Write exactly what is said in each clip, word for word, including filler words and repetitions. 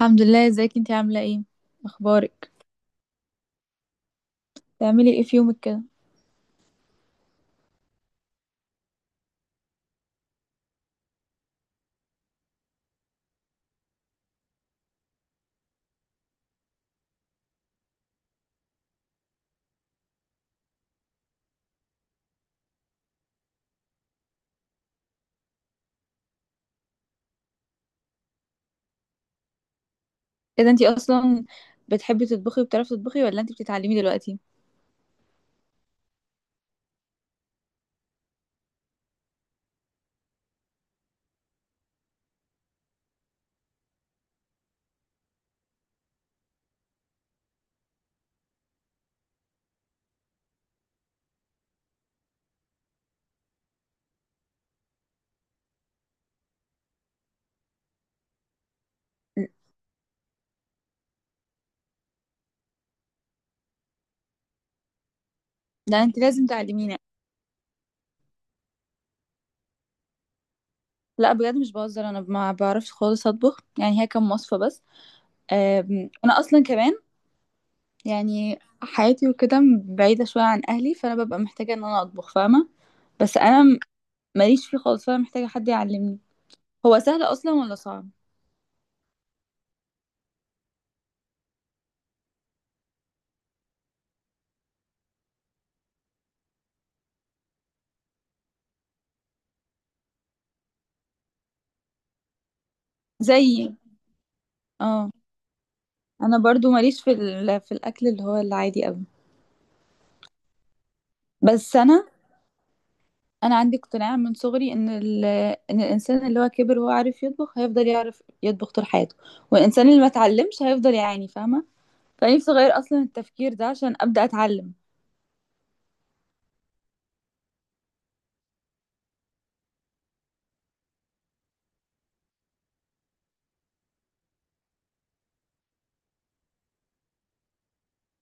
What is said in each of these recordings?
الحمد لله، ازيك انتي؟ عاملة ايه؟ اخبارك؟ بتعملي ايه في يومك كده؟ ايه ده؟ انتي اصلا بتحبي تطبخي وبتعرفي تطبخي ولا انتي بتتعلمي دلوقتي؟ لا انتي لازم تعلميني. لا بجد مش بهزر، انا ما بعرفش خالص اطبخ، يعني هي كام وصفة بس. أم، انا اصلا كمان يعني حياتي وكده بعيدة شوية عن اهلي، فانا ببقى محتاجة ان انا اطبخ، فاهمة؟ بس انا م- ماليش فيه خالص، فانا محتاجة حد يعلمني. هو سهل اصلا ولا صعب؟ زيي. اه انا برضو ماليش في ال- في الاكل اللي هو العادي قوي. بس انا انا عندي اقتناع من صغري ان ال... ان الانسان اللي هو كبر وهو عارف يطبخ هيفضل يعرف يطبخ طول حياته، والانسان اللي ما اتعلمش هيفضل يعاني، فاهمه؟ فنفسي اغير اصلا التفكير ده عشان ابدا اتعلم.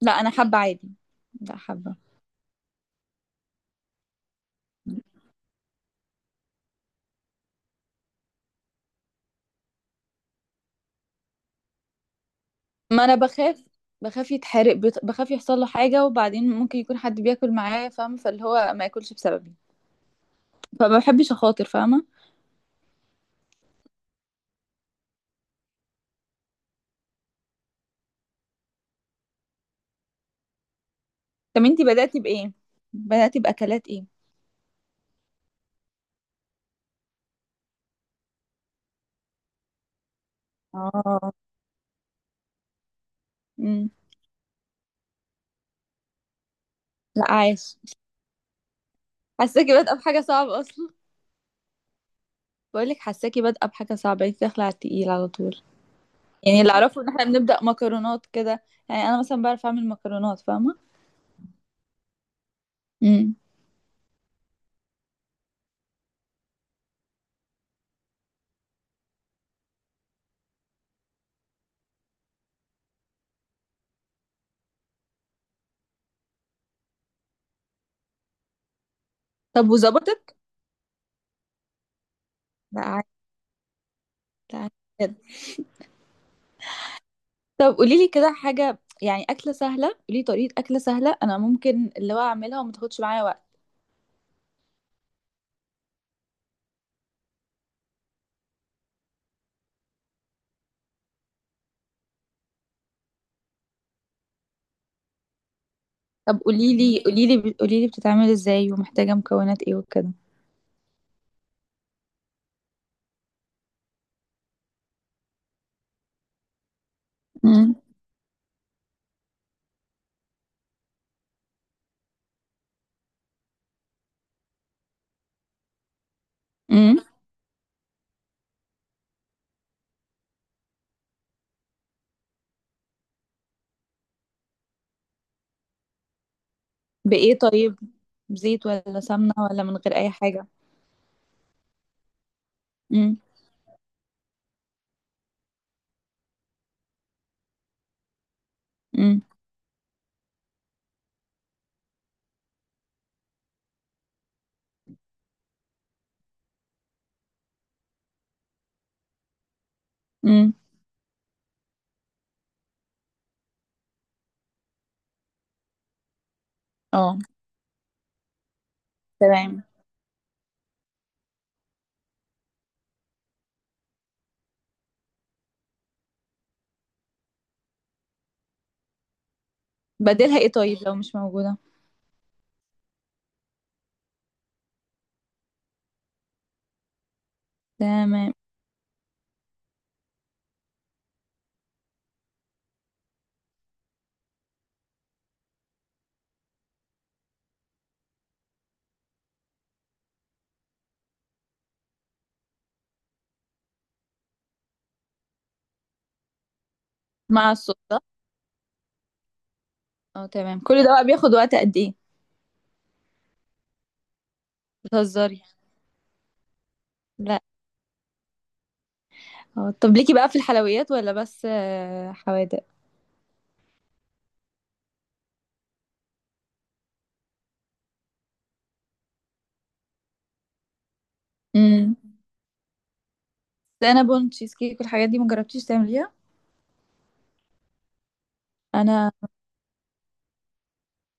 لا انا حابه عادي، لا حابه. ما انا بخاف، بخاف يتحرق، بت- بخاف يحصل له حاجه، وبعدين ممكن يكون حد بياكل معاه، فاهمه؟ فاللي هو ما ياكلش بسببي، فما بحبش اخاطر، فاهمه؟ طب انتي بداتي بايه؟ بداتي باكلات ايه؟ اه. امم. لا عايش. حاساكي بادئه بحاجه صعبه اصلا. بقولك حاساكي بادئه بحاجه صعبه، انت داخله على التقيل على طول. يعني اللي اعرفه ان احنا بنبدا مكرونات كده، يعني انا مثلا بعرف اعمل مكرونات، فاهمه؟ امم. طب وظبطت؟ لا عادي. لا عادي، بجد. طب قولي لي كده حاجه، يعني اكله سهله، قولي لي طريقه اكله سهله انا ممكن اللي هو اعملها وما تاخدش معايا وقت. طب قولي لي قولي لي قولي لي بتتعمل ازاي ومحتاجه مكونات ايه وكده. امم. امم. بايه طيب؟ زيت ولا سمنه ولا من غير اي حاجه؟ امم. امم. امم. اه تمام. بديلها ايه طيب لو مش موجودة؟ تمام. مع الصوص ده؟ اه تمام. كل ده بقى بياخد وقت قد ايه؟ بتهزري. لا. اه طب ليكي بقى في الحلويات ولا بس آه، حوادق؟ امم. سينابون، تشيز كيك، والحاجات دي مجربتيش تعمليها؟ انا.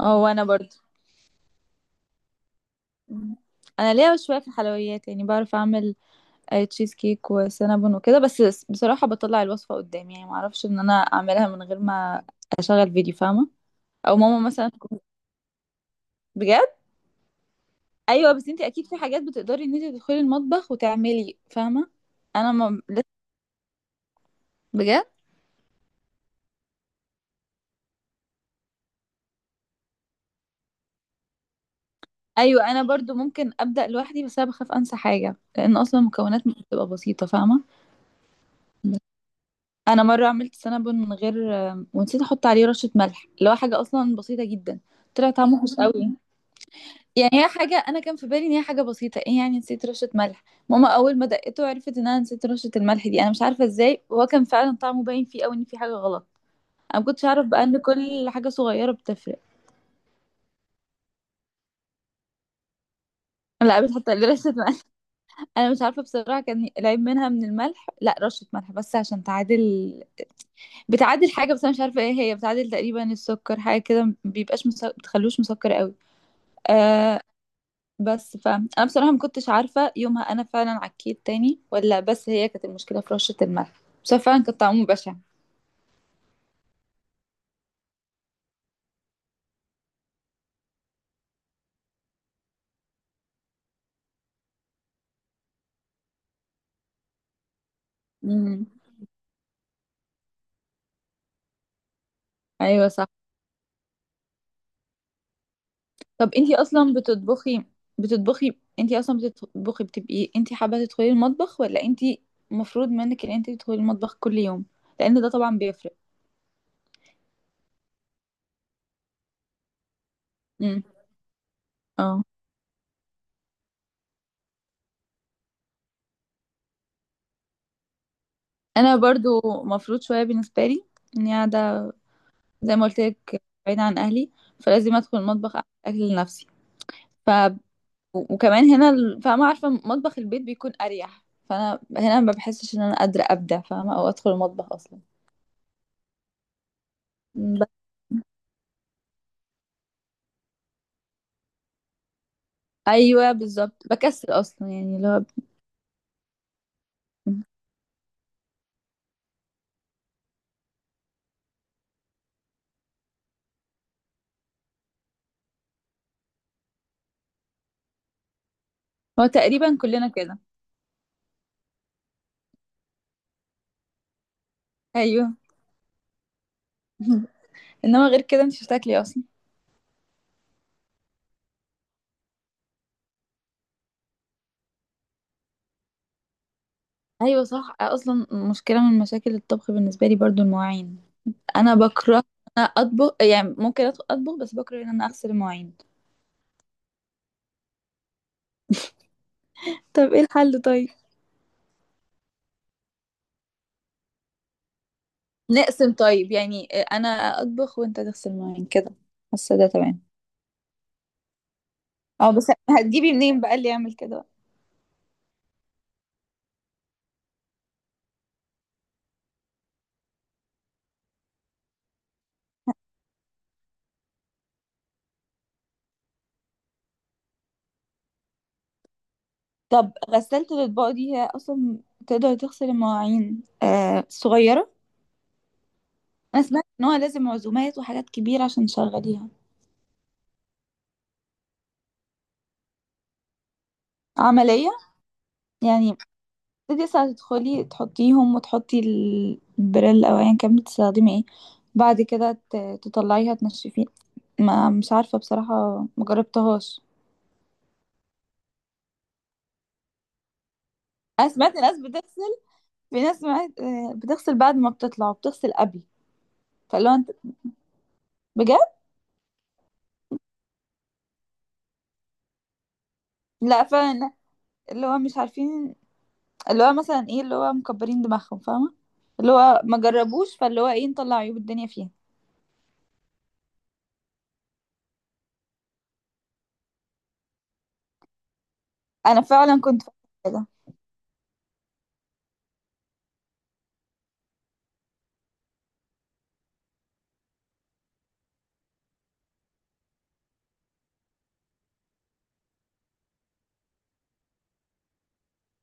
اه وانا برضو. مم. انا ليا شويه في الحلويات، يعني بعرف اعمل آه، تشيز كيك وسينابون وكده بس. بصراحه بطلع الوصفه قدامي، يعني ما اعرفش ان انا اعملها من غير ما اشغل فيديو، فاهمه؟ او ماما مثلا تكون-. بجد؟ ايوه، بس انت اكيد في حاجات بتقدري ان انت تدخلي المطبخ وتعملي، فاهمه؟ انا ما لسه. بجد. ايوه انا برضو ممكن ابدا لوحدي، بس انا بخاف انسى حاجه، لان اصلا المكونات مش بتبقى بسيطه، فاهمه؟ بس انا مره عملت سنابون من غير، ونسيت احط عليه رشه ملح، اللي هو حاجه اصلا بسيطه جدا. طلع طعمه وحش قوي. يعني هي حاجه انا كان في بالي ان هي حاجه بسيطه، ايه يعني نسيت رشه ملح؟ ماما اول ما دقته عرفت ان انا نسيت رشه الملح دي، انا مش عارفه ازاي، وهو كان فعلا طعمه باين فيه قوي ان في حاجه غلط. انا ما كنتش اعرف بقى ان كل حاجه صغيره بتفرق. لا بتحط رشة ملح. انا مش عارفة بصراحة، كان العيب منها من الملح، لا رشة ملح بس عشان تعادل، بتعادل حاجة، بس انا مش عارفة ايه هي، بتعادل تقريبا السكر، حاجة كده ما بيبقاش مسك... بتخلوش مسكر قوي. آه بس فانا بصراحة ما كنتش عارفة يومها انا فعلا عكيت تاني، ولا بس هي كانت المشكلة في رشة الملح. بس هو فعلا كان طعمه بشع. امم. ايوه صح. طب انتي اصلا بتطبخي، بتطبخي انتي اصلا بتطبخي بتبقي انتي حابة تدخلي المطبخ ولا انتي مفروض منك ان انتي تدخلي المطبخ كل يوم؟ لان ده طبعا بيفرق. امم. اه انا برضو مفروض شوية بالنسبة لي، اني قاعدة، زي ما قلت لك، بعيدة عن اهلي، فلازم ادخل المطبخ اعمل اكل لنفسي. ف. وكمان هنا ال- فاهمة؟ عارفة مطبخ البيت بيكون اريح، فانا هنا ما بحسش ان انا قادرة ابدع، فاهمة؟ او ادخل المطبخ اصلا. بس. ايوه بالظبط، بكسل اصلا، يعني لو. مم. هو تقريبا كلنا كده. ايوه. انما غير كده انت بتاكلي اصلا. ايوه صح، اصلا مشكله من مشاكل الطبخ بالنسبه لي برضو المواعين. انا بكره إن انا اطبخ، يعني ممكن أدخل اطبخ بس بكره ان انا اغسل المواعين. طب ايه الحل طيب؟ نقسم طيب، يعني انا اطبخ وانت تغسل المواعين كده، حاسه ده تمام. اه بس هتجيبي منين بقى اللي يعمل كده بقى؟ طب غسالة الاطباق دي هي اصلا تقدر تغسل المواعين آه صغيره؟ انا سمعت ان هو لازم عزومات وحاجات كبيره عشان تشغليها. عملية يعني؟ تبتدي ساعة تدخلي تحطيهم وتحطي ال- البريل أو أيا كان بتستخدمي ايه، بعد كده ت- تطلعيها تنشفيه؟ ما مش عارفة بصراحة، مجربتهاش. أنا سمعت ناس بتغسل، في ناس سمعت آه، بتغسل بعد ما بتطلع وبتغسل قبل. فاللي هو انت. بجد. لا فعلا. اللي هو مش عارفين، اللي هو مثلا ايه، اللي هو مكبرين دماغهم، فاهمة؟ اللي هو ما جربوش، فاللي هو ايه، نطلع عيوب الدنيا فيها. أنا فعلا كنت فاكرة كده.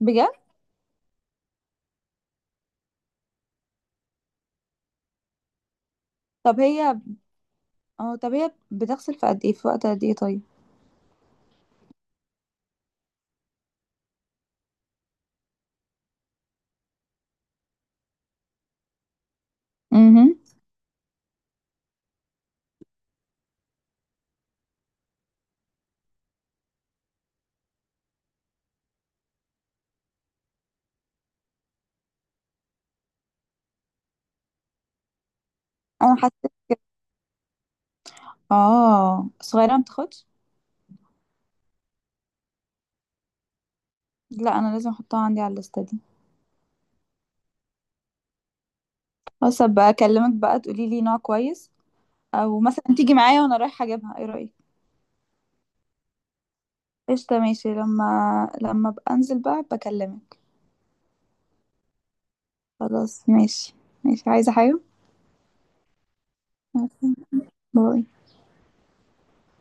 بجد. طب هي، اه طب هي بتغسل في قد ايه، في وقت قد ايه طيب؟ امم. انا حسيت. اه صغيره ما بتاخدش. لا انا لازم احطها عندي على الليسته دي. بس ابقى اكلمك بقى تقولي لي نوع كويس، او مثلا تيجي معايا وانا رايحه اجيبها، ايه رايك؟ قشطه، ماشي. لما، لما ابقى انزل بقى بكلمك. خلاص ماشي. ماشي، عايزه حاجه؟ باي.